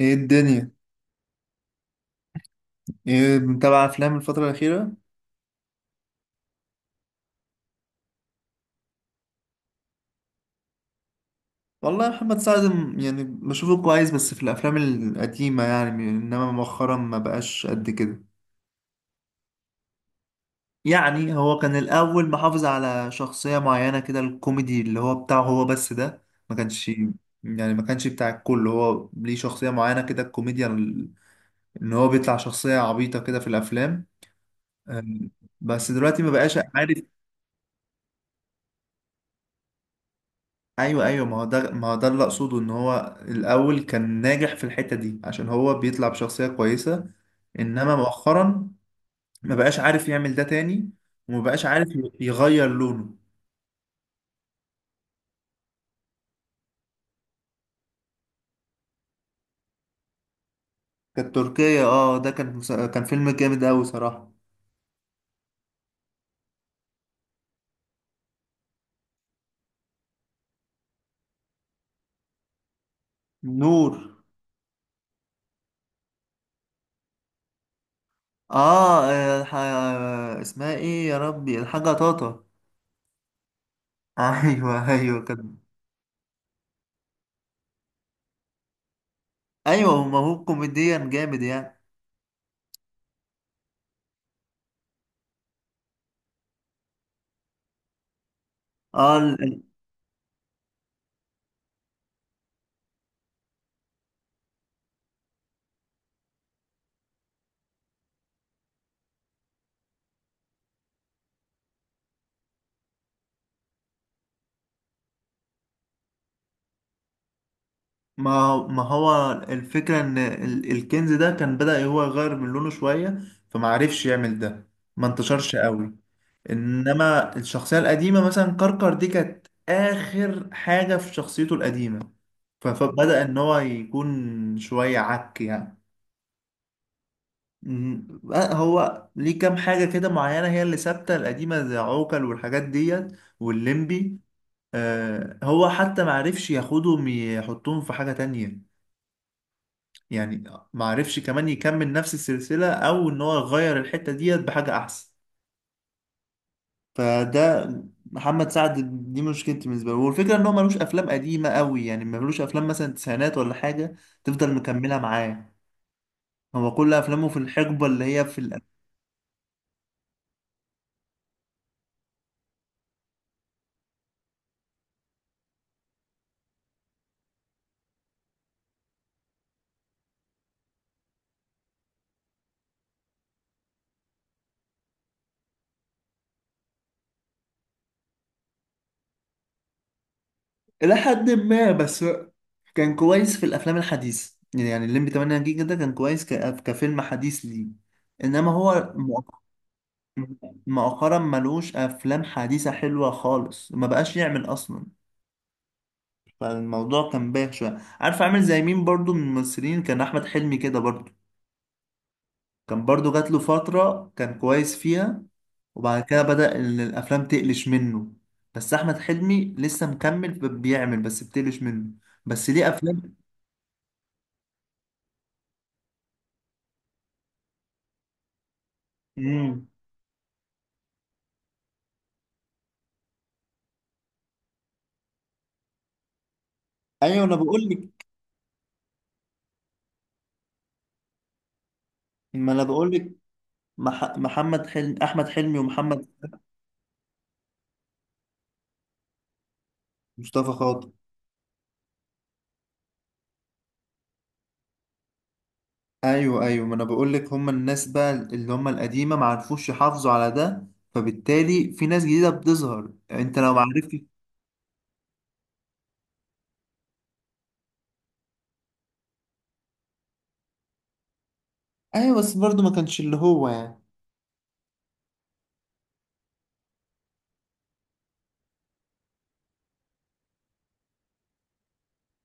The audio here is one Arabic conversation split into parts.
ايه الدنيا؟ ايه متابع افلام الفترة الأخيرة؟ والله محمد سعد يعني بشوفه كويس بس في الافلام القديمة يعني، انما مؤخرا ما بقاش قد كده. يعني هو كان الاول محافظ على شخصية معينة كده، الكوميدي اللي هو بتاعه هو بس ده، ما كانش بتاع الكل. هو ليه شخصية معينة كده، الكوميديا ان هو بيطلع شخصية عبيطة كده في الافلام. أم، بس دلوقتي ما بقاش عارف. ايوه، ايوه، ما هو ده ما هو ده اللي اقصده، ان هو الاول كان ناجح في الحته دي عشان هو بيطلع بشخصيه كويسه. انما مؤخرا ما بقاش عارف يعمل ده تاني، وما بقاش عارف يغير لونه. كانت تركيا، ده كان كان فيلم جامد قوي صراحه. نور. اه، اسمها ايه يا ربي؟ الحاجه طاطا. ايوه، ايوه، كان. ايوه، ما هو كوميديا جامد يعني. اه، ما هو الفكرة إن الكنز ده كان بدأ هو يغير من لونه شوية، فمعرفش يعمل ده، ما انتشرش قوي. إنما الشخصية القديمة مثلا كركر دي كانت آخر حاجة في شخصيته القديمة. فبدأ إن هو يكون شوية عك يعني. مم. بقى هو ليه كام حاجة كده معينة هي اللي ثابتة القديمة، زي عوكل والحاجات ديت والليمبي. هو حتى معرفش ياخدهم يحطهم في حاجة تانية يعني، ما عرفش كمان يكمل نفس السلسلة او ان هو يغير الحتة ديت بحاجة احسن. فده محمد سعد، دي مشكلتي بالنسبة له. والفكرة ان هو ملوش افلام قديمة قوي يعني، ملوش افلام مثلا تسعينات ولا حاجة تفضل مكملة معاه. هو كل افلامه في الحقبة اللي هي في الى حد ما. بس كان كويس في الافلام الحديثة، يعني الليمبي 8 جيجا ده كان كويس كفيلم حديث ليه، انما هو مؤخرا ملوش افلام حديثة حلوة خالص، ما بقاش يعمل اصلا. فالموضوع كان بايخ شويه. عارف عامل زي مين برضو من الممثلين؟ كان احمد حلمي كده برضو، كان برضو جات له فتره كان كويس فيها، وبعد كده بدأ ان الافلام تقلش منه. بس احمد حلمي لسه مكمل بيعمل، بس بتقلش منه، بس ليه افلام. امم. ايوه انا بقول لك. ما انا بقول لك، محمد حلمي، احمد حلمي ومحمد مصطفى خاطر. ايوه، ايوه، ما انا بقول لك، هم الناس بقى اللي هم القديمه ما عرفوش يحافظوا على ده، فبالتالي في ناس جديدة بتظهر انت لو معرفتش. ايوه، بس برضه ما كانش اللي هو يعني.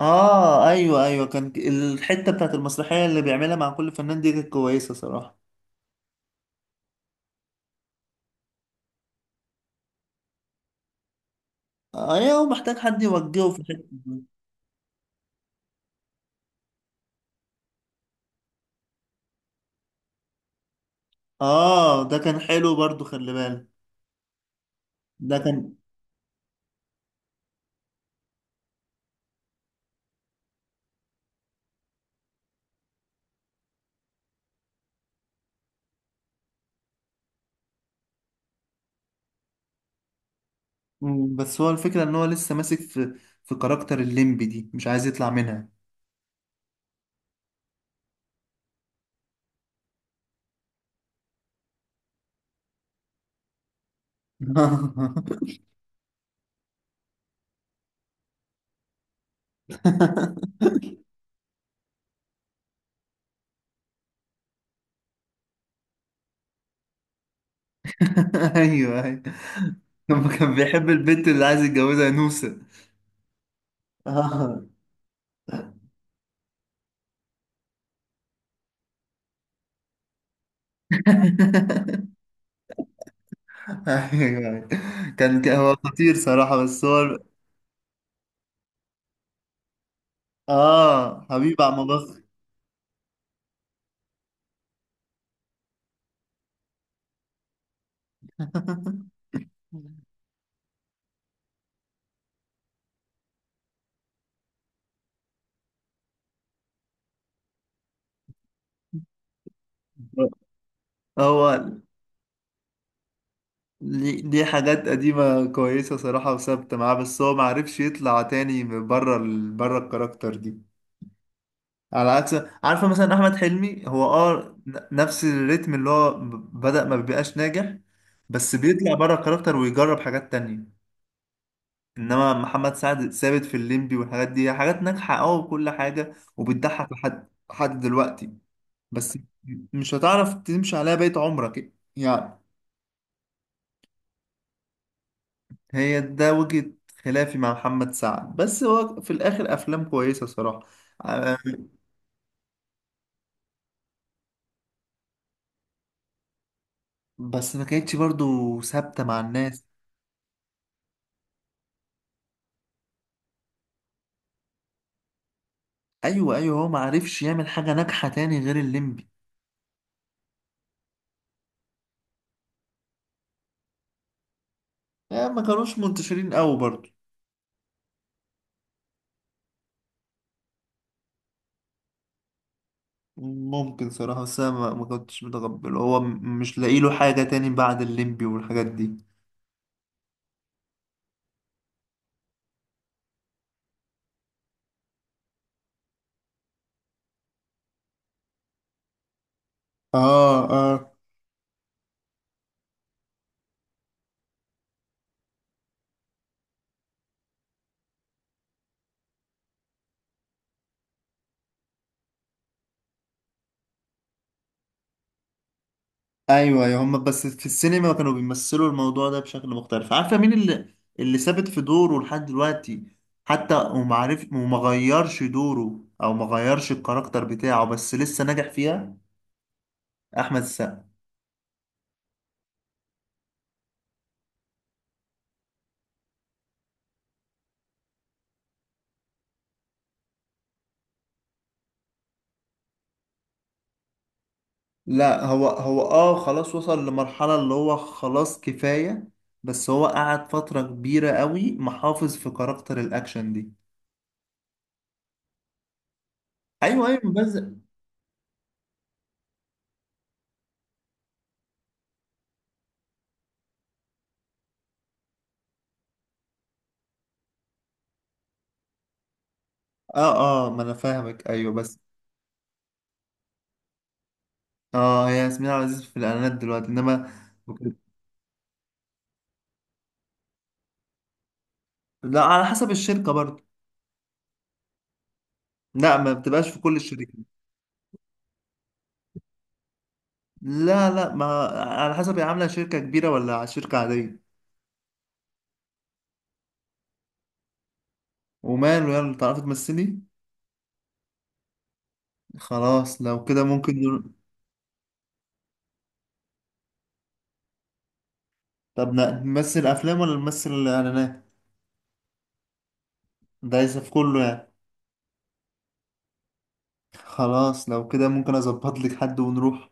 اه، ايوه، ايوه، كان الحته بتاعت المسرحيه اللي بيعملها مع كل فنان دي كانت كويسه صراحه. ايوه، هو محتاج حد يوجهه في الحته دي. اه، ده كان حلو برضه، خلي بالك. ده كان. بس هو الفكره ان هو لسه ماسك في كاركتر الليمبي دي، مش عايز يطلع منها. ايوه، ايوه. لما كان بيحب البنت اللي عايز يتجوزها نوسه. اه. ايوه، أيوة. كان هو خطير صراحة، بس هو اه حبيب عم بخ. هو دي حاجات قديمة كويسة صراحة وثابتة معاه، بس هو معرفش يطلع تاني من بره بره الكاركتر دي، على عكس عارفة مثلا أحمد حلمي هو نفس الريتم اللي هو بدأ ما بيبقاش ناجح، بس بيطلع بره الكاركتر ويجرب حاجات تانية. إنما محمد سعد ثابت في الليمبي، والحاجات دي حاجات ناجحة أوي وكل حاجة، وبتضحك لحد دلوقتي. بس مش هتعرف تمشي عليها بقية عمرك يعني. هي ده وجهة خلافي مع محمد سعد، بس هو في الآخر أفلام كويسة صراحة. آه، بس ما كانتش برضو ثابتة مع الناس. أيوة، أيوة، هو ما عرفش يعمل حاجة ناجحة تاني غير الليمبي. ما كانوش منتشرين قوي برضو. ممكن صراحة، بس أنا ما كنتش متقبل، هو مش لاقي له حاجة تاني بعد الليمبي والحاجات دي. اه، اه، ايوه، أيوة. هم بس في السينما كانوا بيمثلوا الموضوع ده بشكل مختلف. عارفه مين اللي ثابت في دوره لحد دلوقتي، حتى وما عارف وما غيرش دوره او ما غيرش الكاركتر بتاعه بس لسه ناجح فيها؟ احمد السقا. لا، هو اه خلاص، وصل لمرحله اللي هو خلاص كفايه، بس هو قعد فتره كبيره قوي محافظ في كاركتر الاكشن دي. ايوه، ايوه، بس اه، اه، ما انا فاهمك. ايوه بس اه، هي ياسمين عبد العزيز في الاعلانات دلوقتي، انما لا، على حسب الشركة برضه، لا ما بتبقاش في كل الشركات. لا، لا، ما، على حسب هي عاملة شركة كبيرة ولا شركة عادية. وماله، يلا تعرفي تمثلي. خلاص لو كده ممكن طب نمثل أفلام ولا نمثل إعلانات؟ ده عايزة في كله يعني. خلاص لو كده ممكن أظبط لك حد ونروح.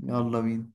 يلا بينا.